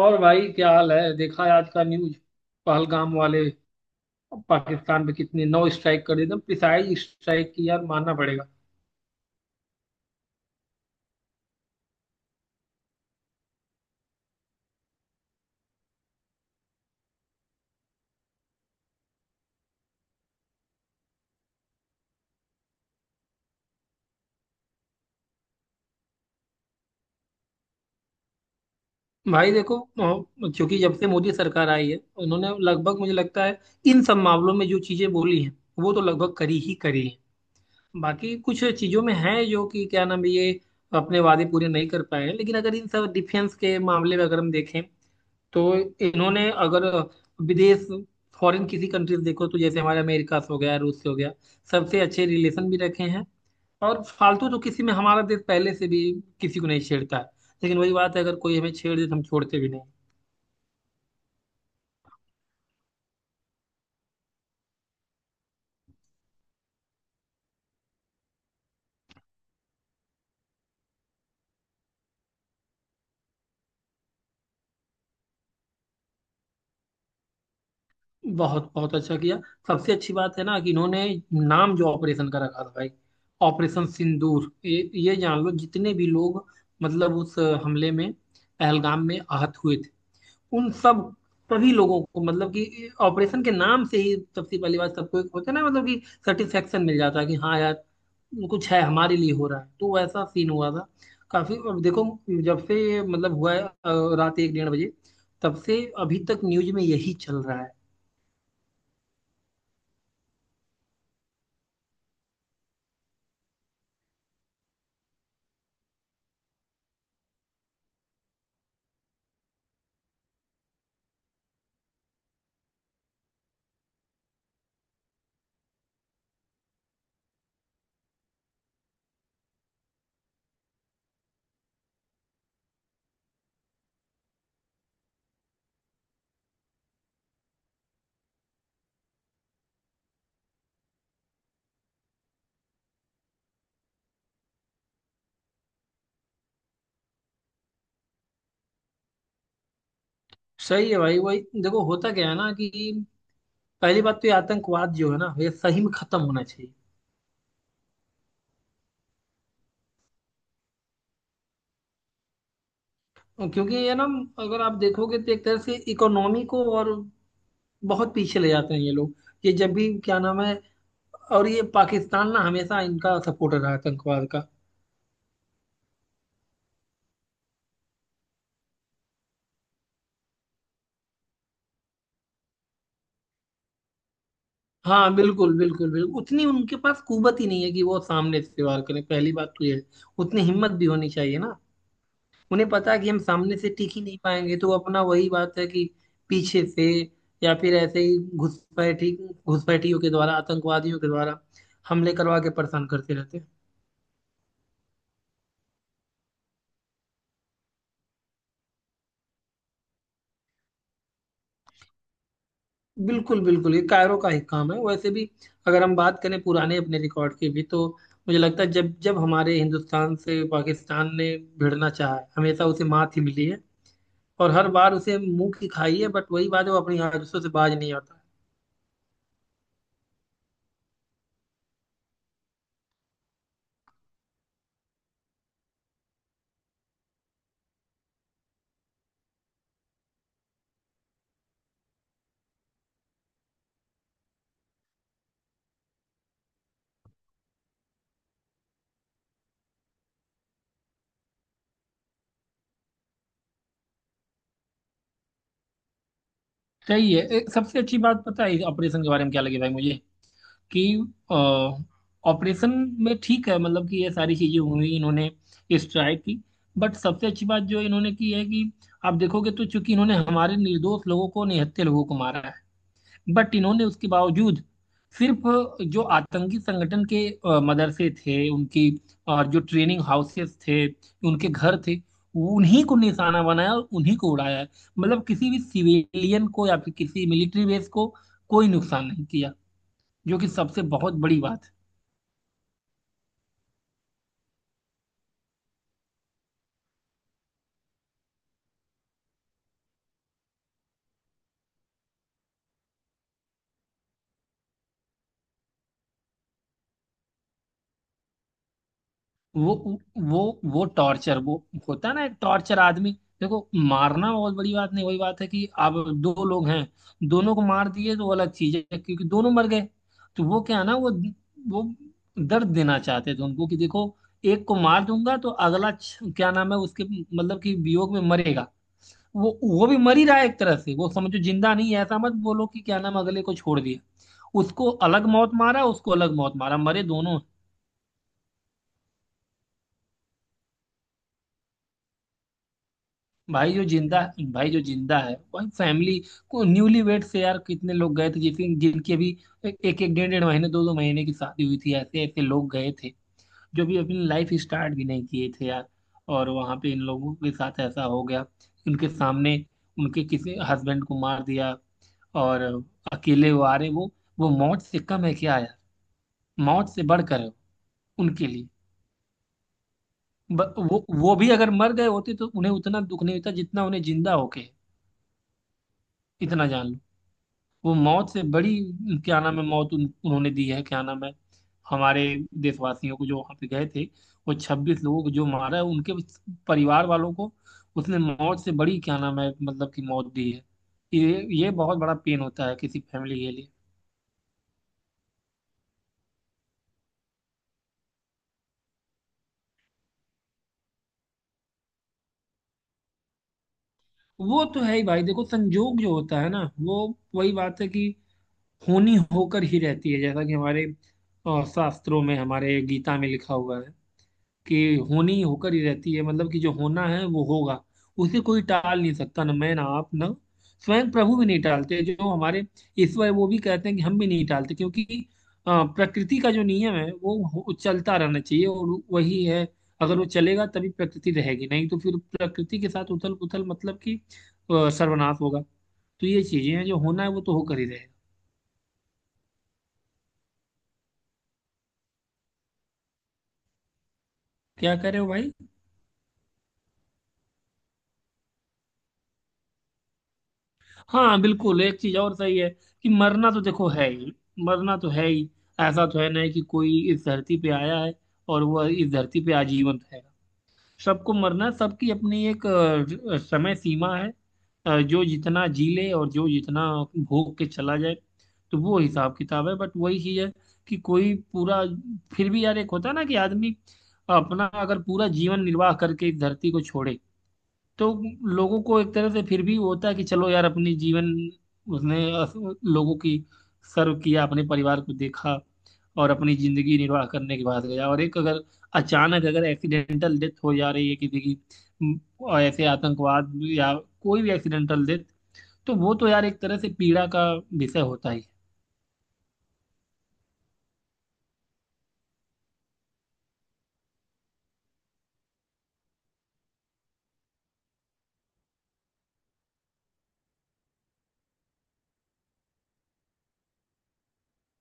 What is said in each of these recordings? और भाई क्या हाल है? देखा है आज का न्यूज? पहलगाम वाले पाकिस्तान पे कितने 9 स्ट्राइक कर, एकदम प्रिसाइज स्ट्राइक की यार। मानना पड़ेगा। भाई देखो, चूंकि जब से मोदी सरकार आई है, उन्होंने लगभग, मुझे लगता है, इन सब मामलों में जो चीजें बोली हैं वो तो लगभग करी ही करी है। बाकी कुछ चीजों में है जो कि क्या नाम है, ये अपने वादे पूरे नहीं कर पाए हैं, लेकिन अगर इन सब डिफेंस के मामले में अगर हम देखें तो इन्होंने, अगर विदेश, फॉरेन किसी कंट्रीज देखो तो जैसे हमारे अमेरिका से हो गया, रूस से हो गया, सबसे अच्छे रिलेशन भी रखे हैं। और फालतू तो किसी में हमारा देश पहले से भी किसी को नहीं छेड़ता है, लेकिन वही बात है, अगर कोई हमें छेड़ दे तो हम छोड़ते भी नहीं। बहुत बहुत अच्छा किया। सबसे अच्छी बात है ना कि इन्होंने नाम जो ऑपरेशन का रखा था भाई, ऑपरेशन सिंदूर। ये जान लो जितने भी लोग मतलब उस हमले में पहलगाम में आहत हुए, उन सब सभी लोगों को मतलब कि ऑपरेशन के नाम से ही सबसे पहली बात, सबको एक होता है ना, मतलब कि सेटिस्फेक्शन मिल जाता है कि हाँ यार, कुछ है हमारे लिए हो रहा है। तो ऐसा सीन हुआ था काफी। अब देखो, जब से ये मतलब हुआ है रात एक डेढ़ बजे, तब से अभी तक न्यूज में यही चल रहा है। सही है भाई। वही देखो होता क्या है ना कि पहली बात तो ये आतंकवाद जो है ना ये सही में खत्म होना चाहिए, क्योंकि ये ना अगर आप देखोगे तो एक तरह से इकोनॉमी को और बहुत पीछे ले जाते हैं ये लोग। ये जब भी क्या नाम है, और ये पाकिस्तान ना हमेशा इनका सपोर्टर रहा है आतंकवाद का। हाँ बिल्कुल बिल्कुल बिल्कुल, उतनी उनके पास कुवत ही नहीं है कि वो सामने से वार करें, पहली बात तो ये है। उतनी हिम्मत भी होनी चाहिए ना। उन्हें पता है कि हम सामने से टिक ही नहीं पाएंगे तो अपना वही बात है कि पीछे से, या फिर ऐसे ही घुसपैठी, घुसपैठियों के द्वारा, आतंकवादियों के द्वारा हमले करवा के परेशान करते रहते हैं। बिल्कुल बिल्कुल, ये कायरो का ही काम है वैसे भी। अगर हम बात करें पुराने अपने रिकॉर्ड की भी, तो मुझे लगता है जब जब हमारे हिंदुस्तान से पाकिस्तान ने भिड़ना चाहा है, हमेशा उसे मात ही मिली है। और हर बार उसे मुंह की खाई है, बट वही बात है, वो अपनी आदतों से बाज नहीं आता। सही है। एक सबसे अच्छी बात पता है ऑपरेशन के बारे में क्या लगी भाई मुझे, कि ऑपरेशन में ठीक है, मतलब कि ये सारी चीजें हुई, इन्होंने स्ट्राइक की, बट सबसे अच्छी बात जो इन्होंने की है कि आप देखोगे तो, चूंकि इन्होंने हमारे निर्दोष लोगों को, निहत्थे लोगों को मारा है, बट इन्होंने उसके बावजूद सिर्फ जो आतंकी संगठन के मदरसे थे उनकी, जो ट्रेनिंग हाउसेस थे, उनके घर थे, उन्हीं को निशाना बनाया और उन्हीं को उड़ाया है। मतलब किसी भी सिविलियन को या फिर किसी मिलिट्री बेस को कोई नुकसान नहीं किया, जो कि सबसे बहुत बड़ी बात है। वो वो वो टॉर्चर, वो होता है ना, एक टॉर्चर। आदमी देखो, मारना बहुत बड़ी बात नहीं, वही बात है कि आप दो लोग हैं, दोनों को मार दिए तो वो अलग चीज है क्योंकि दोनों मर गए। तो वो क्या है ना, वो दर्द देना चाहते थे उनको कि देखो, एक को मार दूंगा तो अगला क्या नाम है उसके, मतलब कि वियोग में मरेगा। वो भी मर ही रहा है एक तरह से, वो समझो जिंदा नहीं है। ऐसा मत बोलो कि क्या नाम है, अगले को छोड़ दिया, उसको अलग मौत मारा, उसको अलग मौत मारा, मरे दोनों। भाई जो जिंदा भाई जो जिंदा है वही फैमिली को, न्यूली वेड से यार कितने लोग गए थे, जिसकी जिनकी अभी एक एक डेढ़ डेढ़ महीने, दो दो महीने की शादी हुई थी, ऐसे ऐसे लोग गए थे, जो भी अपनी लाइफ स्टार्ट भी नहीं किए थे यार। और वहां पे इन लोगों के साथ ऐसा हो गया, उनके सामने उनके किसी हस्बैंड को मार दिया और अकेले वो आ रहे, वो मौत से कम है क्या यार? मौत से बढ़कर है उनके लिए। ब, वो भी अगर मर गए होते तो उन्हें उतना दुख नहीं होता जितना उन्हें जिंदा होके है। इतना जान लो वो मौत से बड़ी क्या नाम है मौत उन्होंने दी है, क्या नाम है हमारे देशवासियों को जो वहां पे गए थे, वो 26 लोगों को जो मारा है उनके परिवार वालों को, उसने मौत से बड़ी क्या नाम है मतलब कि मौत दी है। ये बहुत बड़ा पेन होता है किसी फैमिली के लिए। वो तो है ही भाई, देखो संजोग जो होता है ना वो वही बात है कि होनी होकर ही रहती है, जैसा कि हमारे शास्त्रों में, हमारे गीता में लिखा हुआ है कि होनी ही होकर ही रहती है, मतलब कि जो होना है वो होगा। उसे कोई टाल नहीं सकता, ना मैं, ना आप, ना स्वयं प्रभु भी नहीं टालते। जो हमारे ईश्वर है, वो भी कहते हैं कि हम भी नहीं टालते, क्योंकि प्रकृति का जो नियम है वो चलता रहना चाहिए और वही है। अगर वो चलेगा तभी प्रकृति रहेगी, नहीं तो फिर प्रकृति के साथ उथल पुथल, मतलब कि सर्वनाश होगा। तो ये चीजें हैं, जो होना है वो तो होकर ही रहेगा। क्या कह रहे हो भाई? हाँ बिल्कुल। एक चीज और सही है कि मरना तो देखो है ही, मरना तो है ही। ऐसा तो है नहीं कि कोई इस धरती पे आया है और वह इस धरती पे आजीवन रहेगा। सबको मरना है, सबकी अपनी एक समय सीमा है। जो जितना जी ले और जो जितना भोग के चला जाए, तो वो हिसाब किताब है। बट वही चीज है कि कोई पूरा, फिर भी यार एक होता है ना कि आदमी अपना अगर पूरा जीवन निर्वाह करके इस धरती को छोड़े, तो लोगों को एक तरह से फिर भी होता है कि चलो यार अपनी जीवन उसने लोगों की सर्व किया, अपने परिवार को देखा और अपनी जिंदगी निर्वाह करने के बाद गया। और एक अगर अचानक अगर एक्सीडेंटल डेथ हो जा रही है किसी की, और ऐसे आतंकवाद या कोई भी एक्सीडेंटल डेथ, तो वो तो यार एक तरह से पीड़ा का विषय होता ही है।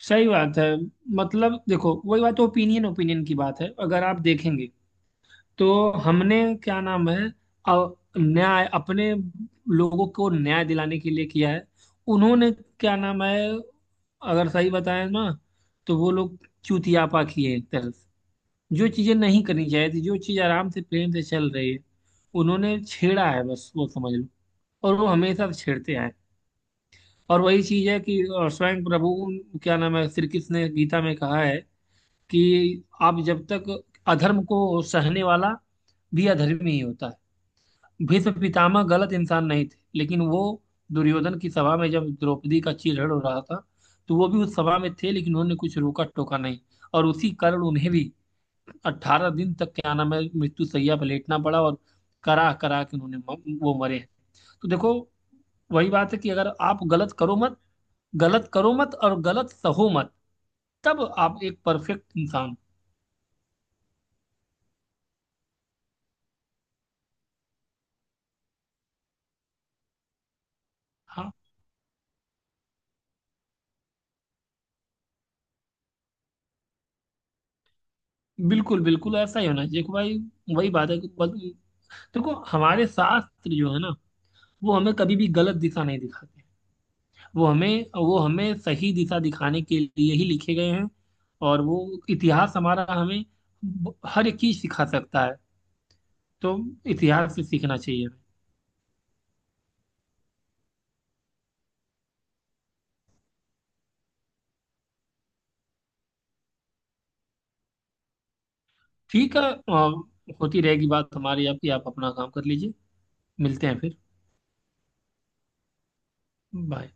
सही बात है। मतलब देखो वही बात, ओपिनियन ओपिनियन की बात है। अगर आप देखेंगे तो हमने क्या नाम है न्याय, अपने लोगों को न्याय दिलाने के लिए किया है। उन्होंने क्या नाम है, अगर सही बताएं ना तो वो लोग चूतियापा किए एक तरह से। जो चीजें नहीं करनी चाहिए थी, जो चीज आराम से प्रेम से चल रही है, उन्होंने छेड़ा है, बस वो समझ लो। और वो हमेशा से छेड़ते आए हैं। और वही चीज है कि स्वयं प्रभु क्या नाम है, श्री कृष्ण ने गीता में कहा है कि आप जब तक, अधर्म को सहने वाला भी अधर्मी ही होता है। भीष्म पितामह गलत इंसान नहीं थे, लेकिन वो दुर्योधन की सभा में जब द्रौपदी का चीरहरण हो रहा था तो वो भी उस सभा में थे, लेकिन उन्होंने कुछ रोका टोका नहीं। और उसी कारण उन्हें भी 18 दिन तक क्या नाम है मृत्यु शैया पर लेटना पड़ा, और करा करा के उन्होंने वो मरे। तो देखो वही बात है कि अगर आप गलत करो मत, गलत करो मत और गलत सहो मत, तब आप एक परफेक्ट इंसान हो। हाँ बिल्कुल बिल्कुल, ऐसा ही होना चाहिए कि भाई वही बात है कि देखो हमारे शास्त्र जो है ना वो हमें कभी भी गलत दिशा नहीं दिखाते। वो हमें, वो हमें सही दिशा दिखाने के लिए ही लिखे गए हैं। और वो इतिहास हमारा हमें हर एक चीज सिखा सकता है। तो इतिहास से सीखना चाहिए हमें। ठीक है, होती रहेगी बात हमारी आपकी, आप अपना काम कर लीजिए। मिलते हैं फिर। बाय।